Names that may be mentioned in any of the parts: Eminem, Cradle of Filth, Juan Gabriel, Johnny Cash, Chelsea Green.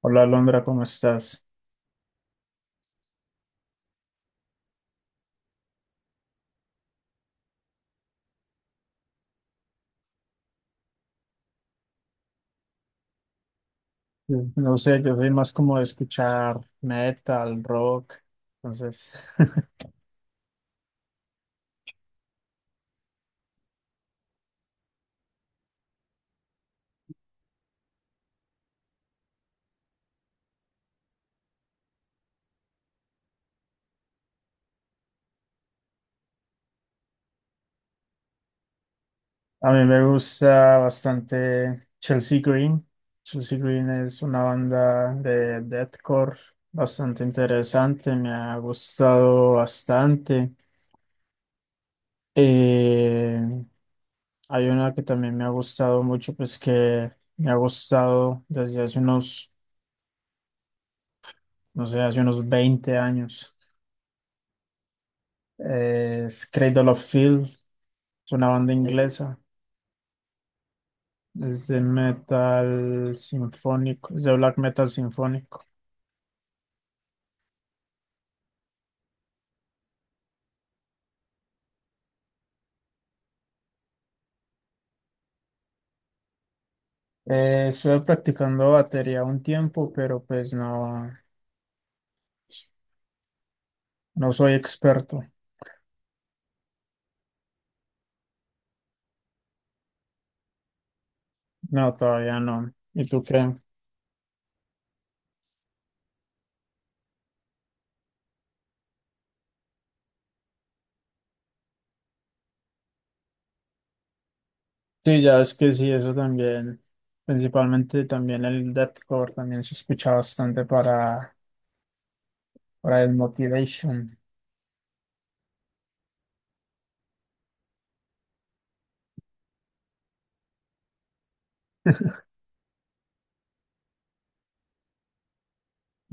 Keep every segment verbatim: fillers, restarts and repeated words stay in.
Hola Londra, ¿cómo estás? Mm. No sé, yo soy más como de escuchar metal, rock. Entonces, a mí me gusta bastante Chelsea Green. Chelsea Green es una banda de deathcore bastante interesante, me ha gustado bastante. Eh, hay una que también me ha gustado mucho, pues que me ha gustado desde hace unos, no sé, hace unos veinte años. Eh, Es Cradle of Filth. Es una banda inglesa. Es de metal sinfónico, es de black metal sinfónico. Eh, estuve practicando batería un tiempo, pero pues no, no soy experto. No, todavía no. ¿Y tú qué? Sí, ya es que sí, eso también. Principalmente también el deathcore también se escucha bastante para, para el motivation.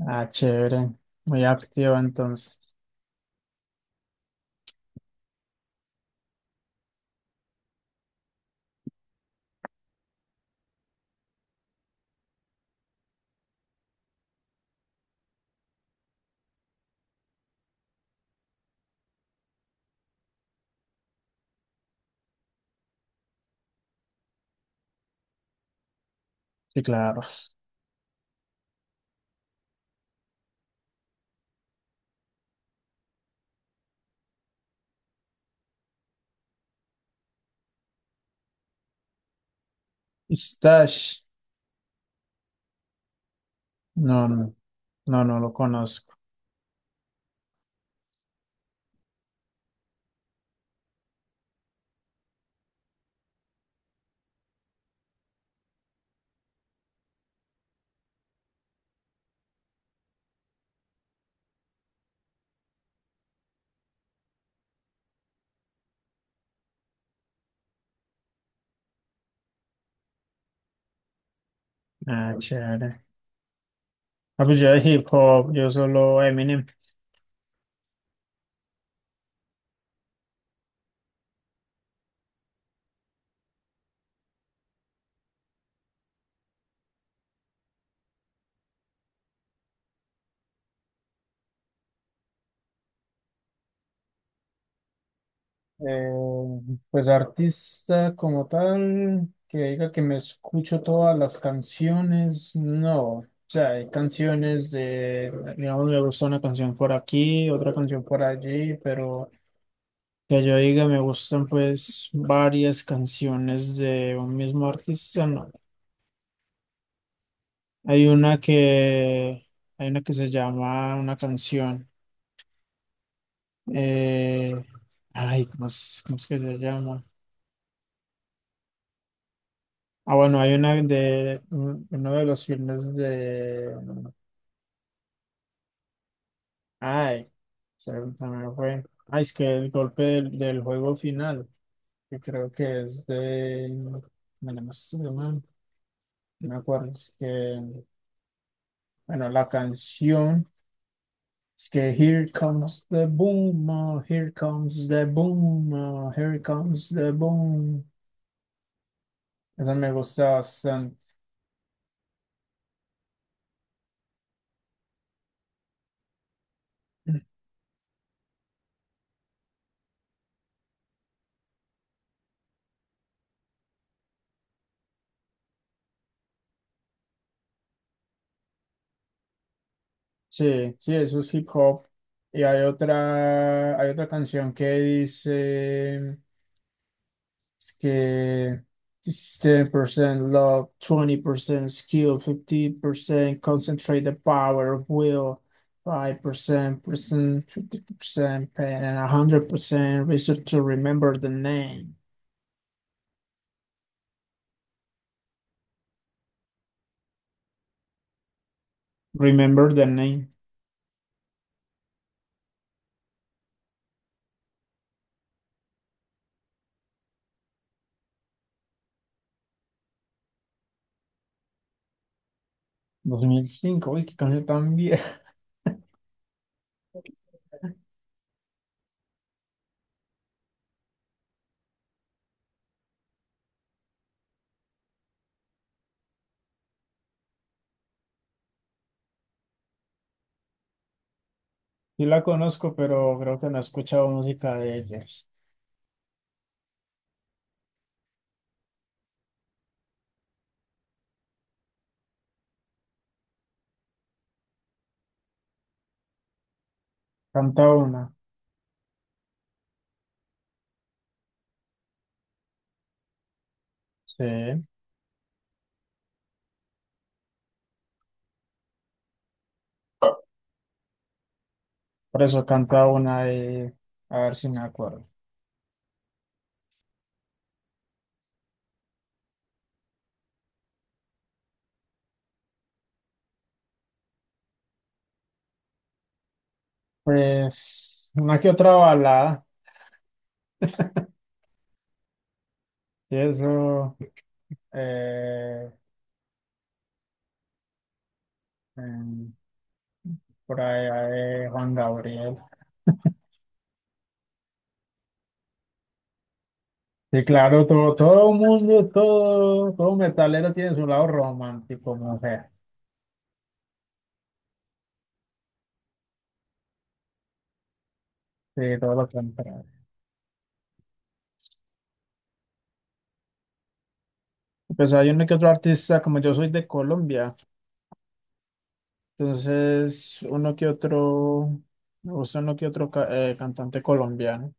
Ah, chévere. Muy activo entonces. Sí, claro. Stash. No, no, no, no lo conozco. Ah, chévere. Ah, pues yo de hip hop, yo solo Eminem. Eh, pues artista como tal, que diga que me escucho todas las canciones, no. O sea, hay canciones de, digamos, me gusta una canción por aquí, otra canción por allí, pero que yo diga me gustan pues varias canciones de un mismo artista, no. Hay una que, hay una que se llama una canción, eh, ay, ¿cómo es, cómo es que se llama? Ah, bueno, hay una de un- uno de los filmes de. Ay, se me fue. Ay, es que el golpe del, del juego final, que creo que es de. Bueno, no no, no sé, no me acuerdo. Es que, bueno, la canción es que here comes the boom, oh, here comes the boom, oh, here comes the boom. Esa me gusta bastante. Sí, sí, eso es hip hop. Y hay otra, hay otra canción que dice es que it's ten percent luck, twenty percent skill, fifty percent concentrate the power of will, five percent, percent, fifty percent pain, and one hundred percent research to remember the name. Remember the name. dos mil cinco, uy, qué canción tan vieja. Sí la conozco, pero creo que no he escuchado música de ellos. Canta una. Sí. Por eso canta una y a ver si me acuerdo. Pues una que otra balada, y eso, eh, em, por allá de Juan Gabriel. Sí, claro, todo, todo mundo, todo, todo metalero tiene su lado romántico, mujer. Sí, todo lo contrario. Pues hay uno que otro artista, como yo soy de Colombia, entonces uno que otro, me gusta uno que otro ca- eh, cantante colombiano.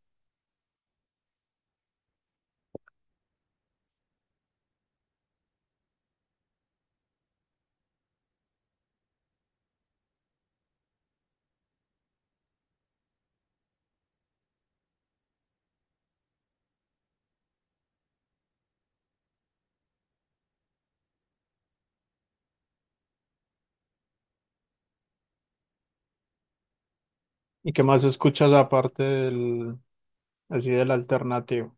¿Y qué más escuchas aparte del? Así del alternativo.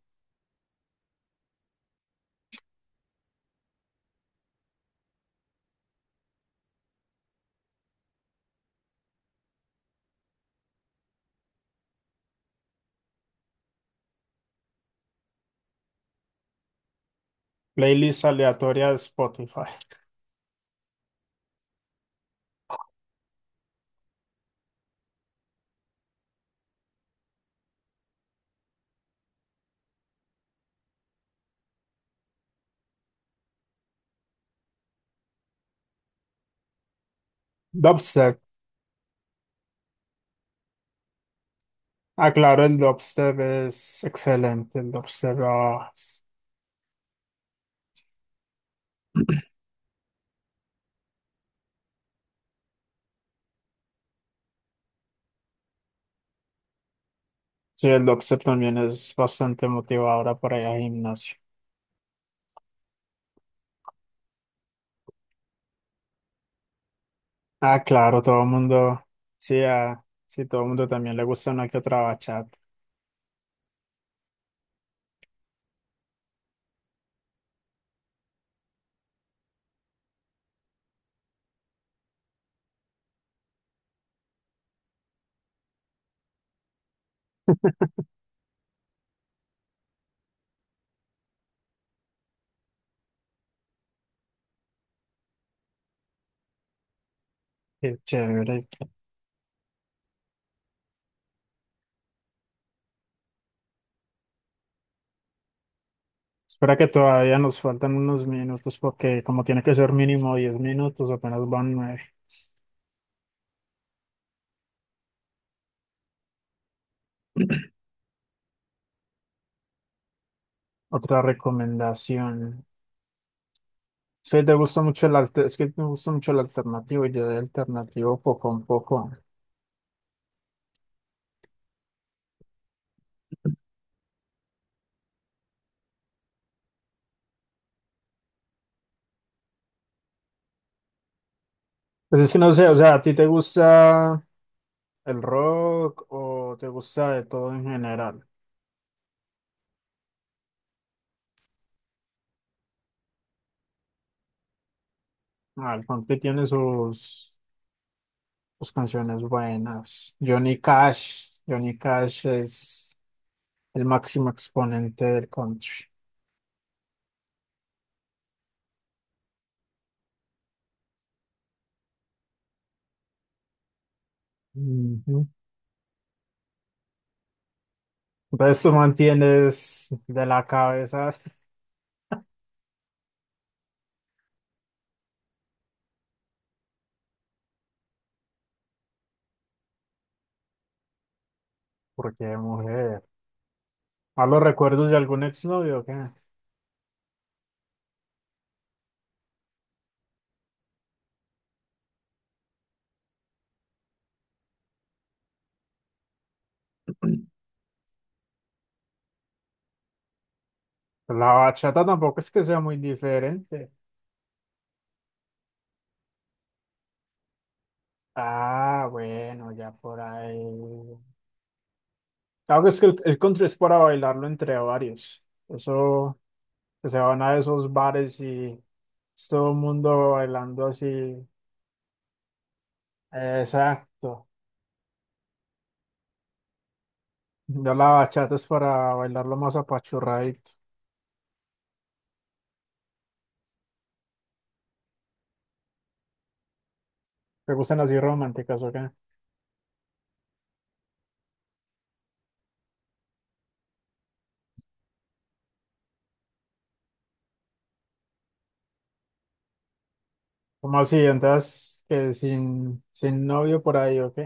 Playlist aleatoria de Spotify. Dubstep. Ah, claro, el dubstep es excelente. El dubstep. Ah, es- sí, el dubstep también es bastante motivadora para ir al gimnasio. Ah, claro, todo el mundo. Sí, ah, sí, todo el mundo también le gusta una que otra bachata. Qué chévere. Espera que todavía nos faltan unos minutos porque como tiene que ser mínimo diez minutos, apenas van nueve. Otra recomendación. Sí, te gusta mucho el alter- es que me gusta mucho el alternativo y yo de alternativo poco a poco. Pues es que no sé, o sea, ¿a ti te gusta el rock o te gusta de todo en general? Ah, el country tiene sus, sus, canciones buenas. Johnny Cash, Johnny Cash es el máximo exponente del country. Ujú. Entonces tú mantienes de la cabeza, porque mujer. ¿A los recuerdos de algún exnovio o qué? La bachata tampoco es que sea muy diferente. Ah, bueno, ya por ahí. Claro que es que el, el country es para bailarlo entre varios. Eso, que se van a esos bares y es todo el mundo bailando así. Exacto. Ya la bachata es para bailarlo más apachurradito. ¿Te gustan así románticas o qué? ¿Cómo así? Entonces, que sin, sin, novio por ahí, ¿ok?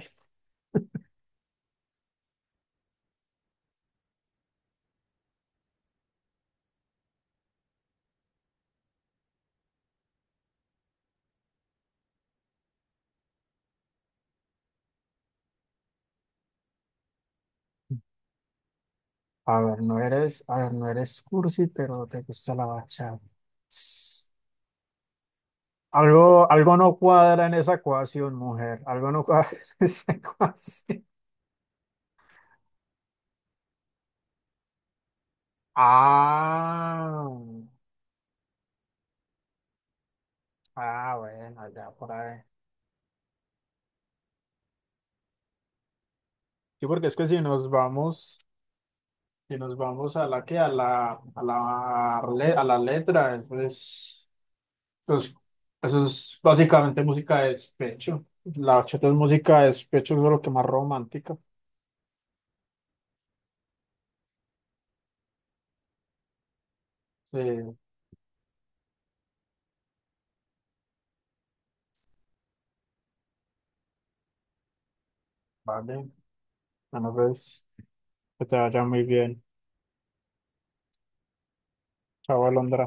A ver, no eres, a ver, no eres cursi, pero te gusta la bachata. Algo, algo no cuadra en esa ecuación, mujer. Algo no cuadra en esa ecuación. Ah, ah, bueno, ya por ahí. Sí, porque es que si nos vamos, si nos vamos a la que, a la, a la, le- a la letra, pues, pues, eso es básicamente música de despecho. La bachata es música de despecho, es lo que más romántica. Sí, vale. Bueno, pues, que te vaya muy bien. Chao, Alondra.